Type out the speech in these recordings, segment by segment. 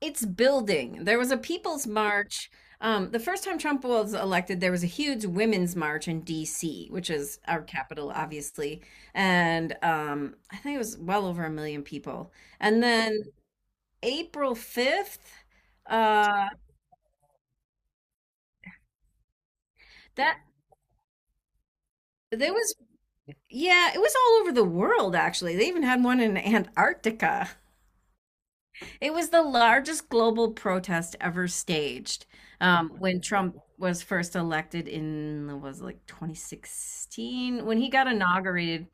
It's building. There was a People's March. The first time Trump was elected, there was a huge women's march in D.C., which is our capital, obviously, and I think it was well over a million people. And then April 5th, uh, that there was, yeah, it was all over the world, actually. They even had one in Antarctica. It was the largest global protest ever staged when Trump was first elected in was it like 2016 when he got inaugurated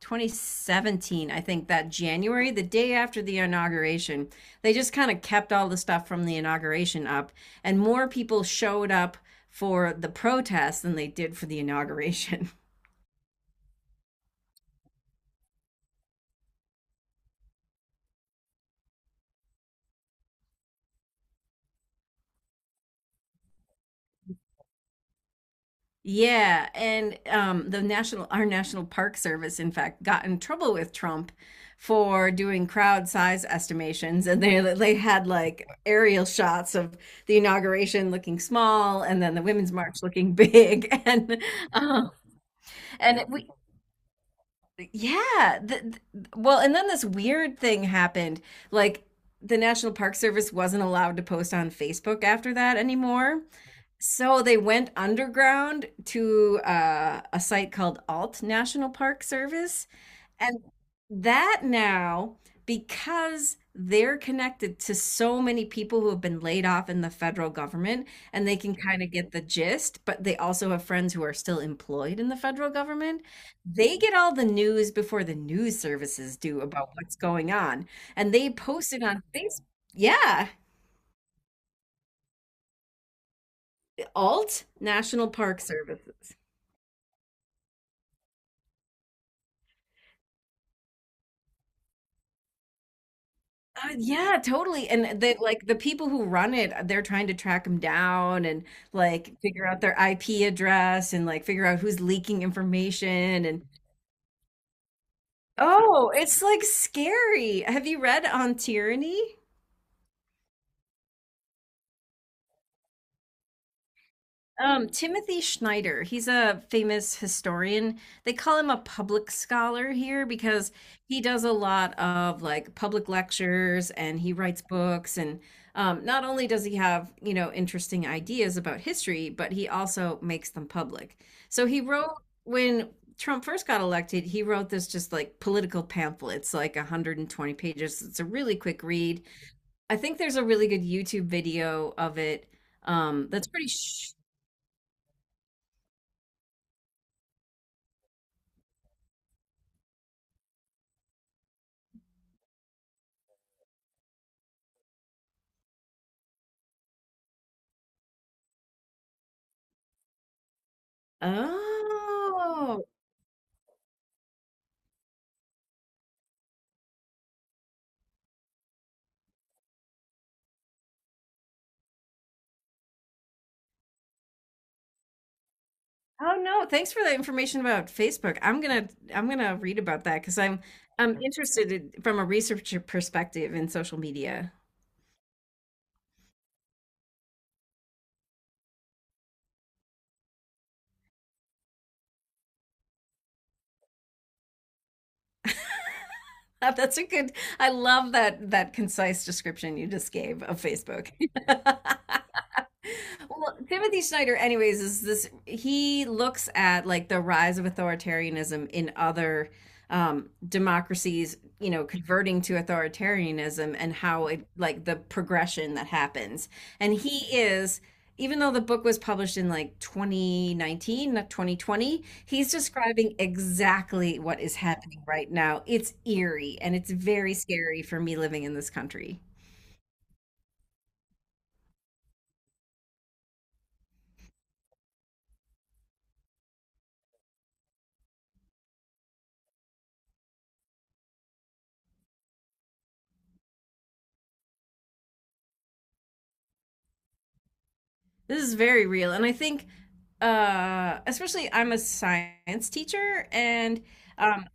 2017 I think that January, the day after the inauguration they just kind of kept all the stuff from the inauguration up and more people showed up for the protest than they did for the inauguration. Yeah, and the national our National Park Service, in fact, got in trouble with Trump for doing crowd size estimations, and they had like aerial shots of the inauguration looking small, and then the Women's March looking big, um, and it- we yeah, and then this weird thing happened, like the National Park Service wasn't allowed to post on Facebook after that anymore. So they went underground to a site called Alt National Park Service. And that now, because they're connected to so many people who have been laid off in the federal government, and they can kind of get the gist, but they also have friends who are still employed in the federal government. They get all the news before the news services do about what's going on. And they post it on Facebook. Yeah, Alt National Park Services. Yeah, totally. And the people who run it, they're trying to track them down and like figure out their IP address and like figure out who's leaking information and oh, it's like scary. Have you read On Tyranny? Timothy Schneider, he's a famous historian. They call him a public scholar here because he does a lot of like public lectures and he writes books. And not only does he have, you know, interesting ideas about history, but he also makes them public. So when Trump first got elected, he wrote this just like political pamphlet. It's like 120 pages. It's a really quick read. I think there's a really good YouTube video of it that's pretty Oh. Oh, no, thanks for that information about Facebook. I'm gonna read about that because I 'cause I'm interested in, from a researcher perspective in social media. That's a good, I love that that concise description you just gave of Facebook. Well, Timothy Snyder, anyways, is this he looks at like the rise of authoritarianism in other democracies, you know, converting to authoritarianism and how it like the progression that happens. And even though the book was published in like 2019, not 2020, he's describing exactly what is happening right now. It's eerie and it's very scary for me living in this country. This is very real. And especially I'm a science teacher and um,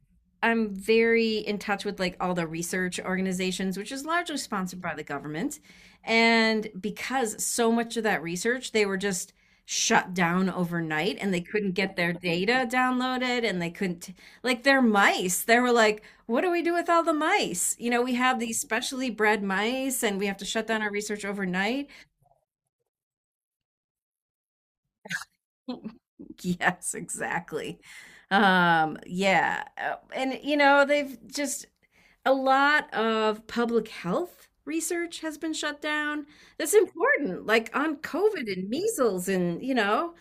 I'm very in touch with like all the research organizations, which is largely sponsored by the government. And because so much of that research, they were just shut down overnight and they couldn't get their data downloaded and they couldn't, like their mice, they were like, what do we do with all the mice? You know, we have these specially bred mice and we have to shut down our research overnight. Yes, exactly. Yeah, and you know, they've just a lot of public health research has been shut down. That's important, like on COVID and measles and, you know,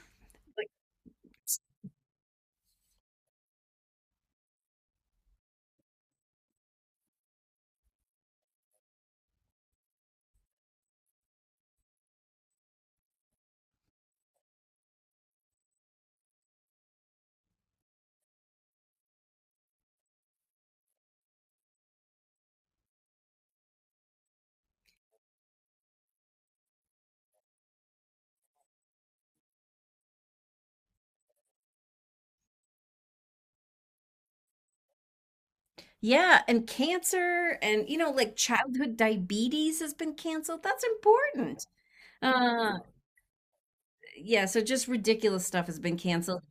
yeah, and cancer and, you know, like childhood diabetes has been canceled. That's important. Uh, yeah, so just ridiculous stuff has been canceled.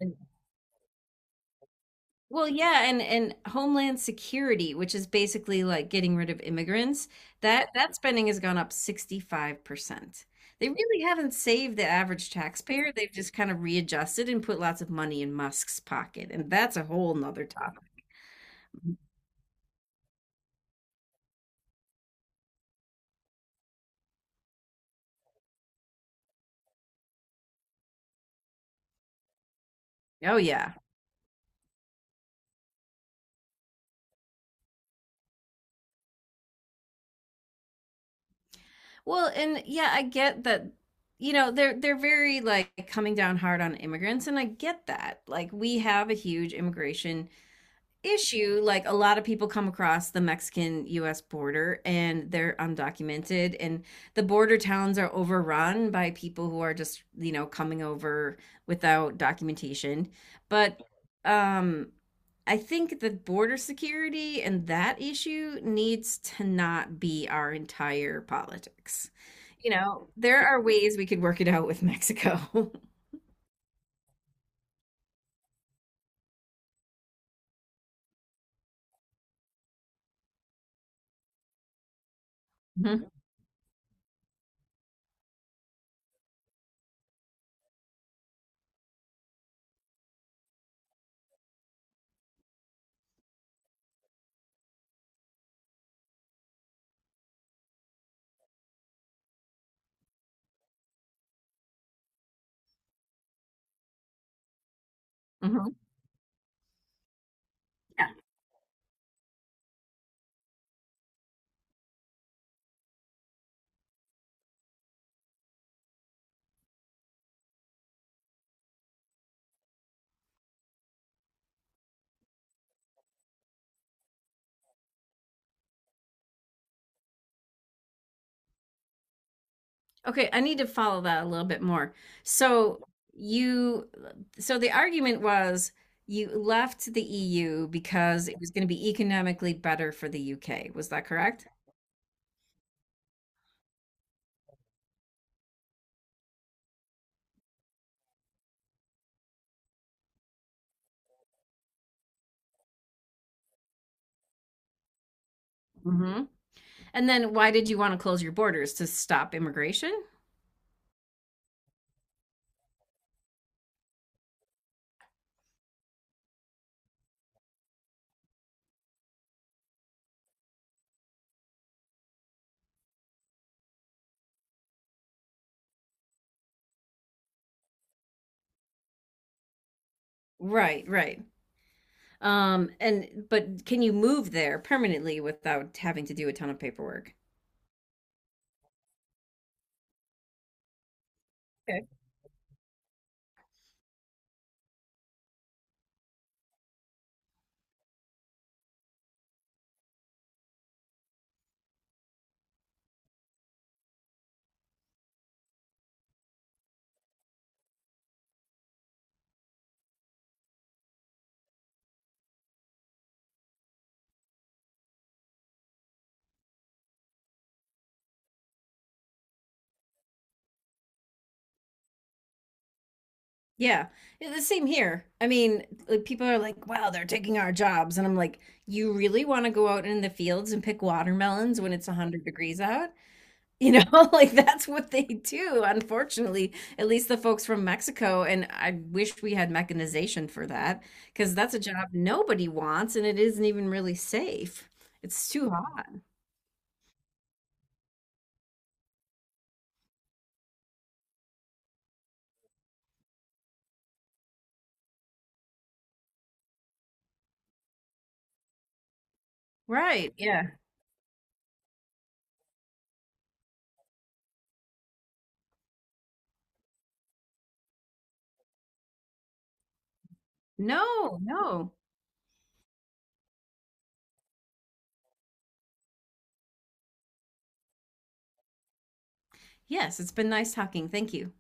Well, yeah, and Homeland Security, which is basically like getting rid of immigrants, that spending has gone up 65%. They really haven't saved the average taxpayer. They've just kind of readjusted and put lots of money in Musk's pocket, and that's a whole nother topic. Oh yeah. Well, and yeah, I get that, you know, they're very like coming down hard on immigrants, and I get that. Like we have a huge immigration issue, like a lot of people come across the Mexican US border and they're undocumented and the border towns are overrun by people who are just, you know, coming over without documentation. But um I think that border security and that issue needs to not be our entire politics. You know, there are ways we could work it out with Mexico. Mhm, mhm. Okay, I need to follow that a little bit more. So you, so the argument was you left the EU because it was going to be economically better for the UK. Was that correct? Hmm. And then why did you want to close your borders to stop immigration? Right, right. And but can you move there permanently without having to do a ton of paperwork? Yeah. Yeah, the same here. I mean, like, people are like, wow, they're taking our jobs. And I'm like, you really want to go out in the fields and pick watermelons when it's 100 degrees out? You know, like that's what they do, unfortunately, at least the folks from Mexico. And I wish we had mechanization for that because that's a job nobody wants and it isn't even really safe. It's too hot. Right. Yeah. No, no. Yes, it's been nice talking. Thank you.